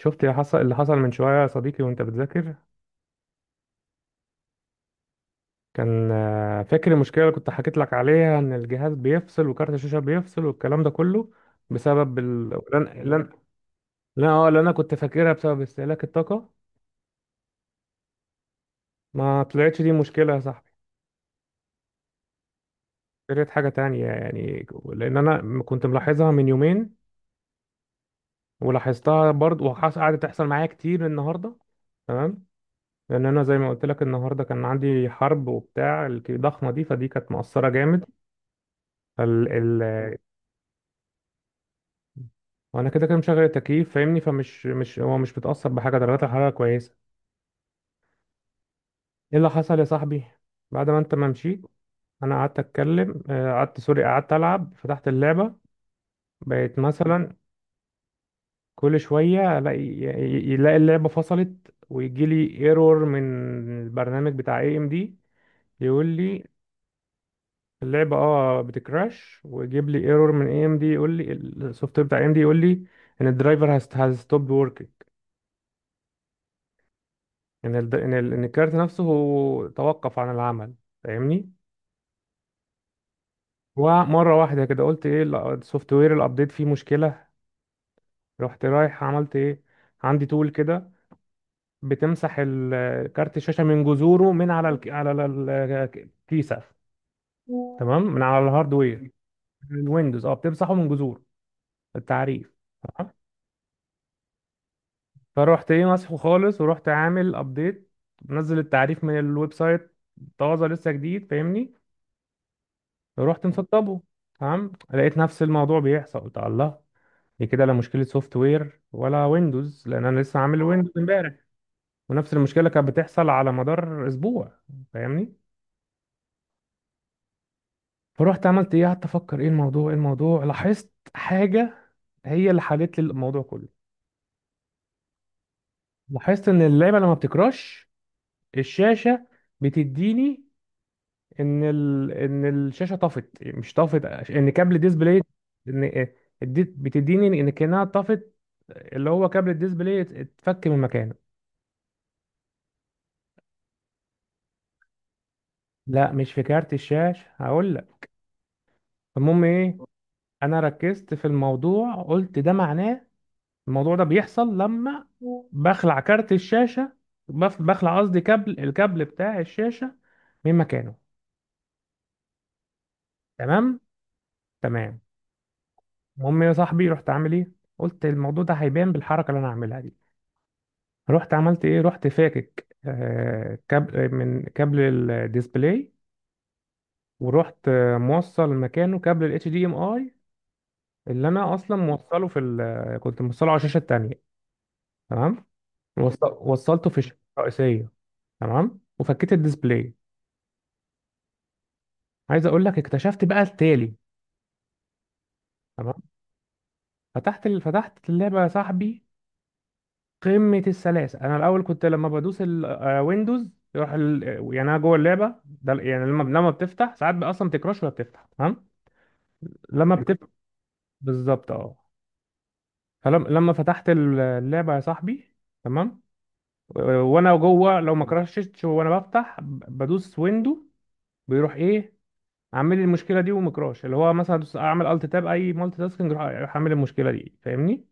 شفت اللي حصل من شوية يا صديقي وانت بتذاكر. كان فاكر المشكلة اللي كنت حكيت لك عليها ان الجهاز بيفصل وكارت الشاشة بيفصل والكلام ده كله بسبب اه اللي انا كنت فاكرها بسبب استهلاك الطاقة. ما طلعتش دي مشكلة يا صاحبي، طلعت حاجة تانية يعني. لان انا كنت ملاحظها من يومين، ولاحظتها برضه قعدت تحصل معايا كتير النهاردة. تمام. لان انا زي ما قلت لك النهارده كان عندي حرب وبتاع الضخمة دي، فدي كانت مؤثرة جامد. وانا كده كده مشغل التكييف فاهمني، فمش مش هو مش متأثر بحاجة، درجات الحرارة كويسة. ايه اللي حصل يا صاحبي بعد ما انت ما مشيت؟ انا قعدت اتكلم قعدت سوري، قعدت العب، فتحت اللعبة. بقيت مثلا كل شوية الاقي يلاقي اللعبة فصلت ويجي لي ايرور من البرنامج بتاع اي ام دي يقول لي. اللعبة اه بتكراش ويجيب لي ايرور من اي ام دي يقول لي السوفت وير بتاع اي ام دي يقول لي ان الدرايفر هاز ستوب ورك، ان الكارت نفسه هو توقف عن العمل، فاهمني. ومره واحده كده قلت ايه، لا، السوفت وير الابديت فيه مشكله. رحت رايح عملت ايه، عندي تول كده بتمسح كارت الشاشه من جذوره من على على الكيسه، تمام، من على الهاردوير. الويندوز اه بتمسحه من جذوره، التعريف، تمام؟ فروحت ايه مسحه خالص ورحت عامل ابديت، منزل التعريف من الويب سايت، طازه لسه جديد فاهمني. رحت مسطبه، تمام، لقيت نفس الموضوع بيحصل. قلت الله، دي كده لا مشكله سوفت وير ولا ويندوز، لان انا لسه عامل ويندوز امبارح. ونفس المشكله كانت بتحصل على مدار اسبوع فاهمني. فروحت عملت ايه، قعدت افكر ايه الموضوع ايه الموضوع، لاحظت حاجه هي اللي حلت لي الموضوع كله. لاحظت ان اللعبه لما بتكراش، الشاشه بتديني ان الشاشه طفت مش طفت، ان كابل ديسبلاي، ان اديت بتديني ان كانها طفت، اللي هو كابل الديسبلاي اتفك من مكانه. لا مش في كارت الشاشه، هقول لك المهم ايه. انا ركزت في الموضوع قلت ده معناه الموضوع ده بيحصل لما بخلع كارت الشاشه، بخلع قصدي كابل، الكابل بتاع الشاشه من مكانه. تمام. تمام. المهم يا صاحبي رحت عامل ايه، قلت الموضوع ده هيبان بالحركه اللي انا هعملها دي. رحت عملت ايه، رحت فاكك كابل من كابل الديسبلاي، ورحت موصل مكانه كابل الاتش دي ام اي اللي انا اصلا كنت موصله على الشاشه التانية. تمام. وصلته في الشاشه الرئيسيه. تمام، وفكيت الديسبلاي. عايز اقول لك اكتشفت بقى التالي. تمام. فتحت اللعبه يا صاحبي، قمه السلاسه. انا الاول كنت لما بدوس الويندوز يروح يعني انا جوه اللعبه ده، يعني لما بتفتح ساعات بقى اصلا بتكراش ولا بتفتح تمام. لما بتبقى بالظبط اه. فلما فتحت اللعبه يا صاحبي، تمام، و- وانا جوه لو ما كراشتش وانا بفتح بدوس ويندو، بيروح ايه، عامل لي المشكله دي. ومكراش، اللي هو مثلا اعمل الت تاب اي مالتي تاسكينج يروح، يروح عامل المشكله دي فاهمني.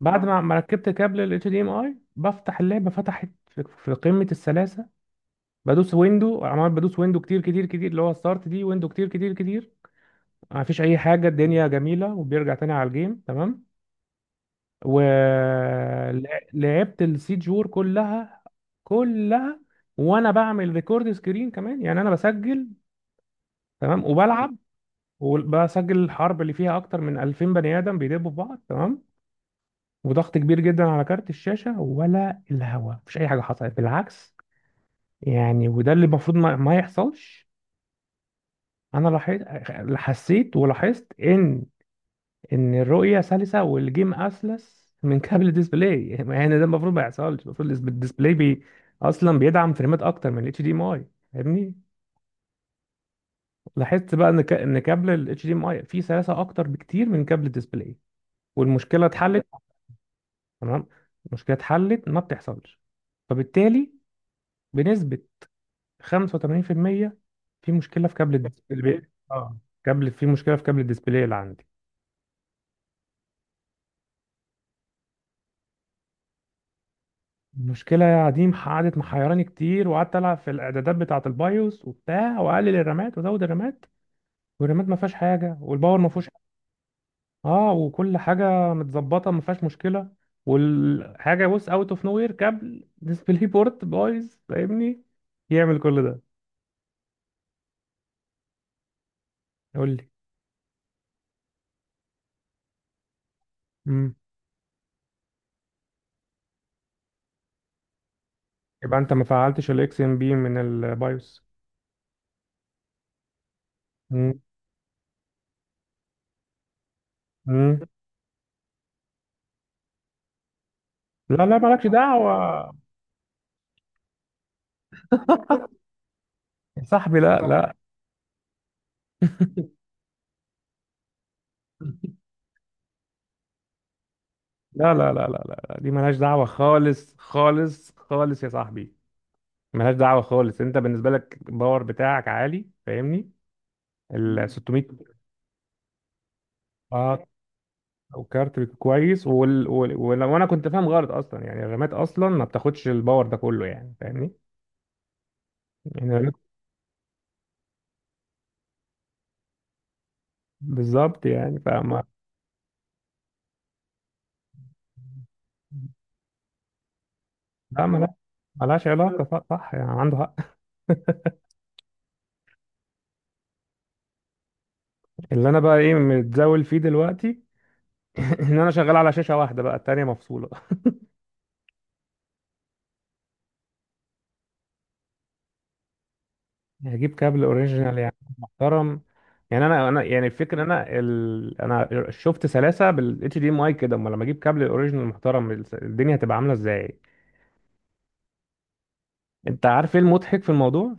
بعد ما ركبت كابل ال HDMI بفتح اللعبه، فتحت في قمه السلاسه. بدوس ويندو عمال بدوس ويندو كتير كتير كتير، اللي هو ستارت دي ويندو كتير كتير كتير، ما فيش اي حاجه، الدنيا جميله وبيرجع تاني على الجيم تمام. ولعبت السيجور كلها، كلها. وانا بعمل ريكورد سكرين كمان، يعني انا بسجل، تمام، وبلعب، وبسجل الحرب اللي فيها اكتر من 2000 بني ادم بيدبوا في بعض، تمام، وضغط كبير جدا على كارت الشاشه ولا الهوا، مفيش اي حاجه حصلت بالعكس. يعني وده اللي المفروض ما يحصلش. انا لاحظت، حسيت ولاحظت ان، ان الرؤية سلسة والجيم اسلس من كابل الديسبلاي. يعني ده المفروض ما يحصلش، المفروض الديسبلاي بي اصلا بيدعم فريمات اكتر من الاتش دي ام اي فاهمني. لاحظت بقى ان كابل الاتش دي ام اي فيه سلاسة اكتر بكتير من كابل الديسبلاي، والمشكلة اتحلت. تمام. المشكلة اتحلت، ما بتحصلش. فبالتالي بنسبة 85% في المية في مشكلة في كابل الديسبلاي. اه، كابل، في مشكلة في كابل الديسبلاي اللي عندي. المشكلة يا عديم قعدت محيراني كتير، وقعدت ألعب في الإعدادات بتاعة البايوس وبتاع، وأقلل الرامات وأزود الرامات، والرامات ما فيهاش حاجة والباور ما فيهوش حاجة. اه وكل حاجة متظبطة ما فيهاش مشكلة. والحاجة بص أوت أوف نو وير، كابل ديسبلاي بورت بايظ فاهمني، يعمل كل ده. قول لي. مم. يبقى أنت ما فعلتش الإكس إم بي من البايوس. مم. مم. لا لا مالكش دعوة يا صاحبي، لا. لا لا لا لا لا لا، لا، دي ملهاش دعوة خالص خالص خالص يا صاحبي، ملهاش دعوة خالص. انت بالنسبة لك الباور بتاعك عالي فاهمني، ال 600، اه، وكارت كويس وانا كنت فاهم غلط اصلا، يعني الرامات اصلا ما بتاخدش الباور ده كله يعني فاهمني، يعني الرامات. بالظبط يعني فما، لا ملهاش علاقة، صح صح، يعني عنده حق. اللي انا بقى ايه متزاول فيه دلوقتي ان انا شغال على شاشة واحدة، بقى التانية مفصولة. هجيب كابل اوريجينال يعني محترم. يعني انا يعني الفكره إن انا شفت سلاسه بالاتش دي ام اي كده، امال لما اجيب كابل اوريجينال محترم الدنيا هتبقى عامله ازاي. انت عارف ايه المضحك في الموضوع؟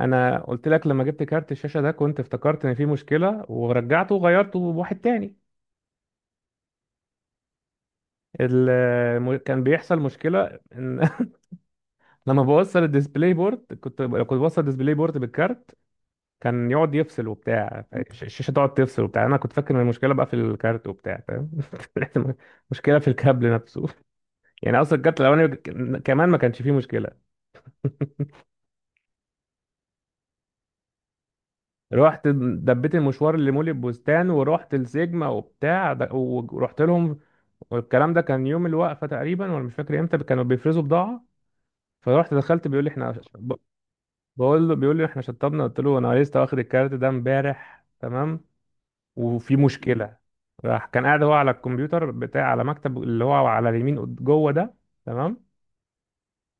انا قلت لك لما جبت كارت الشاشه ده كنت افتكرت ان في مشكله ورجعته وغيرته بواحد تاني. كان بيحصل مشكله ان لما بوصل الديسبلاي بورد كنت بوصل الديسبلاي بورد بالكارت، كان يقعد يفصل وبتاع، الشاشه تقعد تفصل وبتاع، انا كنت فاكر ان المشكله بقى في الكارت وبتاع فاهم. طلعت مشكله في الكابل نفسه. يعني اصلا الكارت الاولاني كمان ما كانش فيه مشكله. رحت دبيت المشوار اللي مول البستان، ورحت السيجما وبتاع ورحت لهم. والكلام ده كان يوم الوقفه تقريبا، ولا مش فاكر امتى كانوا بيفرزوا بضاعه. فرحت دخلت بيقول لي احنا ب- بقول له بيقول لي احنا شطبنا، قلت له انا لسه واخد الكارت ده امبارح، تمام، وفي مشكلة. راح كان قاعد هو على الكمبيوتر بتاع، على مكتب اللي هو على اليمين، جوه ده، تمام،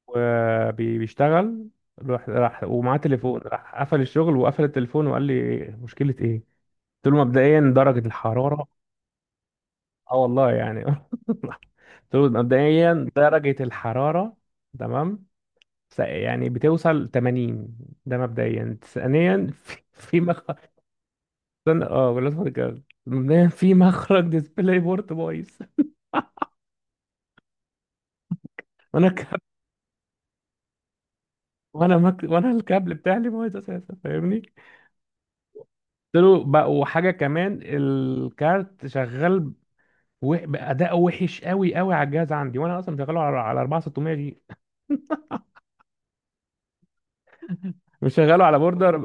وبيشتغل. راح ومعاه تليفون، راح قفل الشغل وقفل التليفون وقال لي مشكلة ايه؟ قلت له مبدئيا درجة الحرارة. اه والله يعني. قلت له مبدئيا درجة الحرارة، تمام، يعني بتوصل 80، ده مبدئيا. ثانيا، في مخرج، استنى، اه ولا تفضل كده. مبدئيا في مخرج ديسبلاي بورت بايظ. وانا وانا الكابل بتاعي اللي بايظ اساسا فاهمني. قلت له بقى وحاجه كمان الكارت شغال باداء وحش قوي قوي على الجهاز عندي، وانا اصلا مشغله على 4600 جي، مش شغاله على بوردر.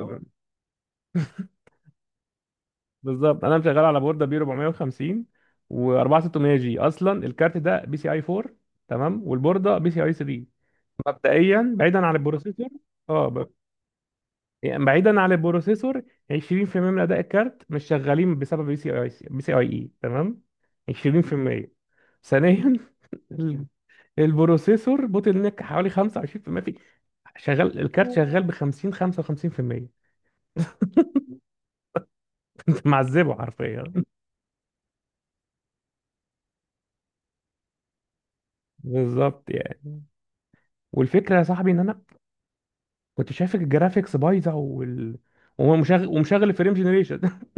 بالظبط، انا مشغله على بوردر بي 450، و4600 جي. اصلا الكارت ده بي سي اي 4، تمام، والبورده بي سي اي 3، مبدئيا بعيدا عن البروسيسور. اه. يعني بعيدا عن البروسيسور 20% من اداء الكارت مش شغالين بسبب بي سي اي بي سي اي اي، تمام. 20%. ثانيا، ال- البروسيسور بوتل نيك حوالي 25% في المية، في شغال الكارت، شغال ب 50 55%. معذبه حرفيا. بالظبط يعني. والفكره يا صاحبي ان انا كنت شايف الجرافيكس بايظه، وال، وهو مشغل، ومشغل الفريم جنريشن.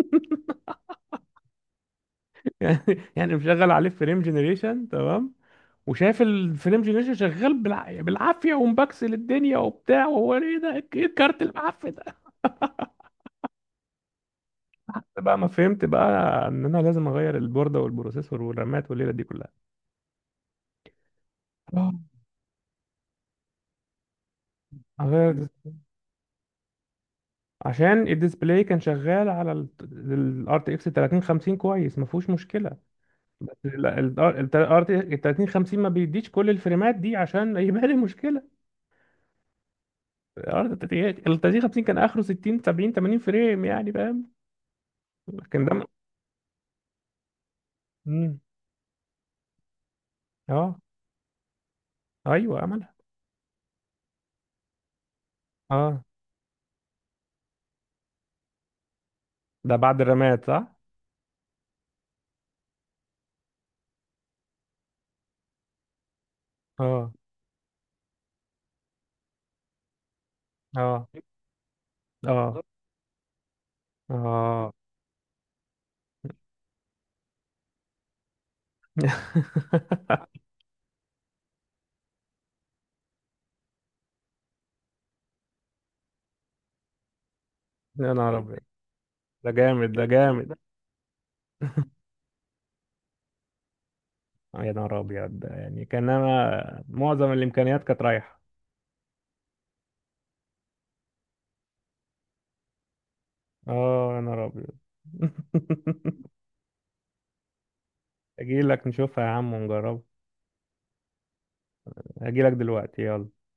يعني، يعني مشغل عليه فريم جنريشن، تمام، وشايف الفيلم جنريشن شغال بالعافيه ومبكسل الدنيا وبتاع، وهو ايه ده، ايه الكارت المعفن ده؟ بقى ما فهمت بقى ان انا لازم اغير البورده والبروسيسور والرامات والليله دي كلها. آه. اغير. عشان الديسبلاي كان شغال على الار تي اكس 3050 كويس، ما فيهوش مشكله. الار تي 3050 ما بيديش كل الفريمات دي عشان يبقى لي مشكله. ال 3050 كان اخره 60 70 80 فريم، يعني فاهم، لكن ده مم. اه. ايوه. اه. ده بعد الرماد صح. اه. اه. اه. اه. يا نهار ابيض، ده جامد ده جامد. يا نهار ابيض، ده يعني كان انا معظم الامكانيات كانت رايحه. اه يا نهار ابيض. اجي لك نشوفها يا عم ونجربها. اجي لك دلوقتي يلا.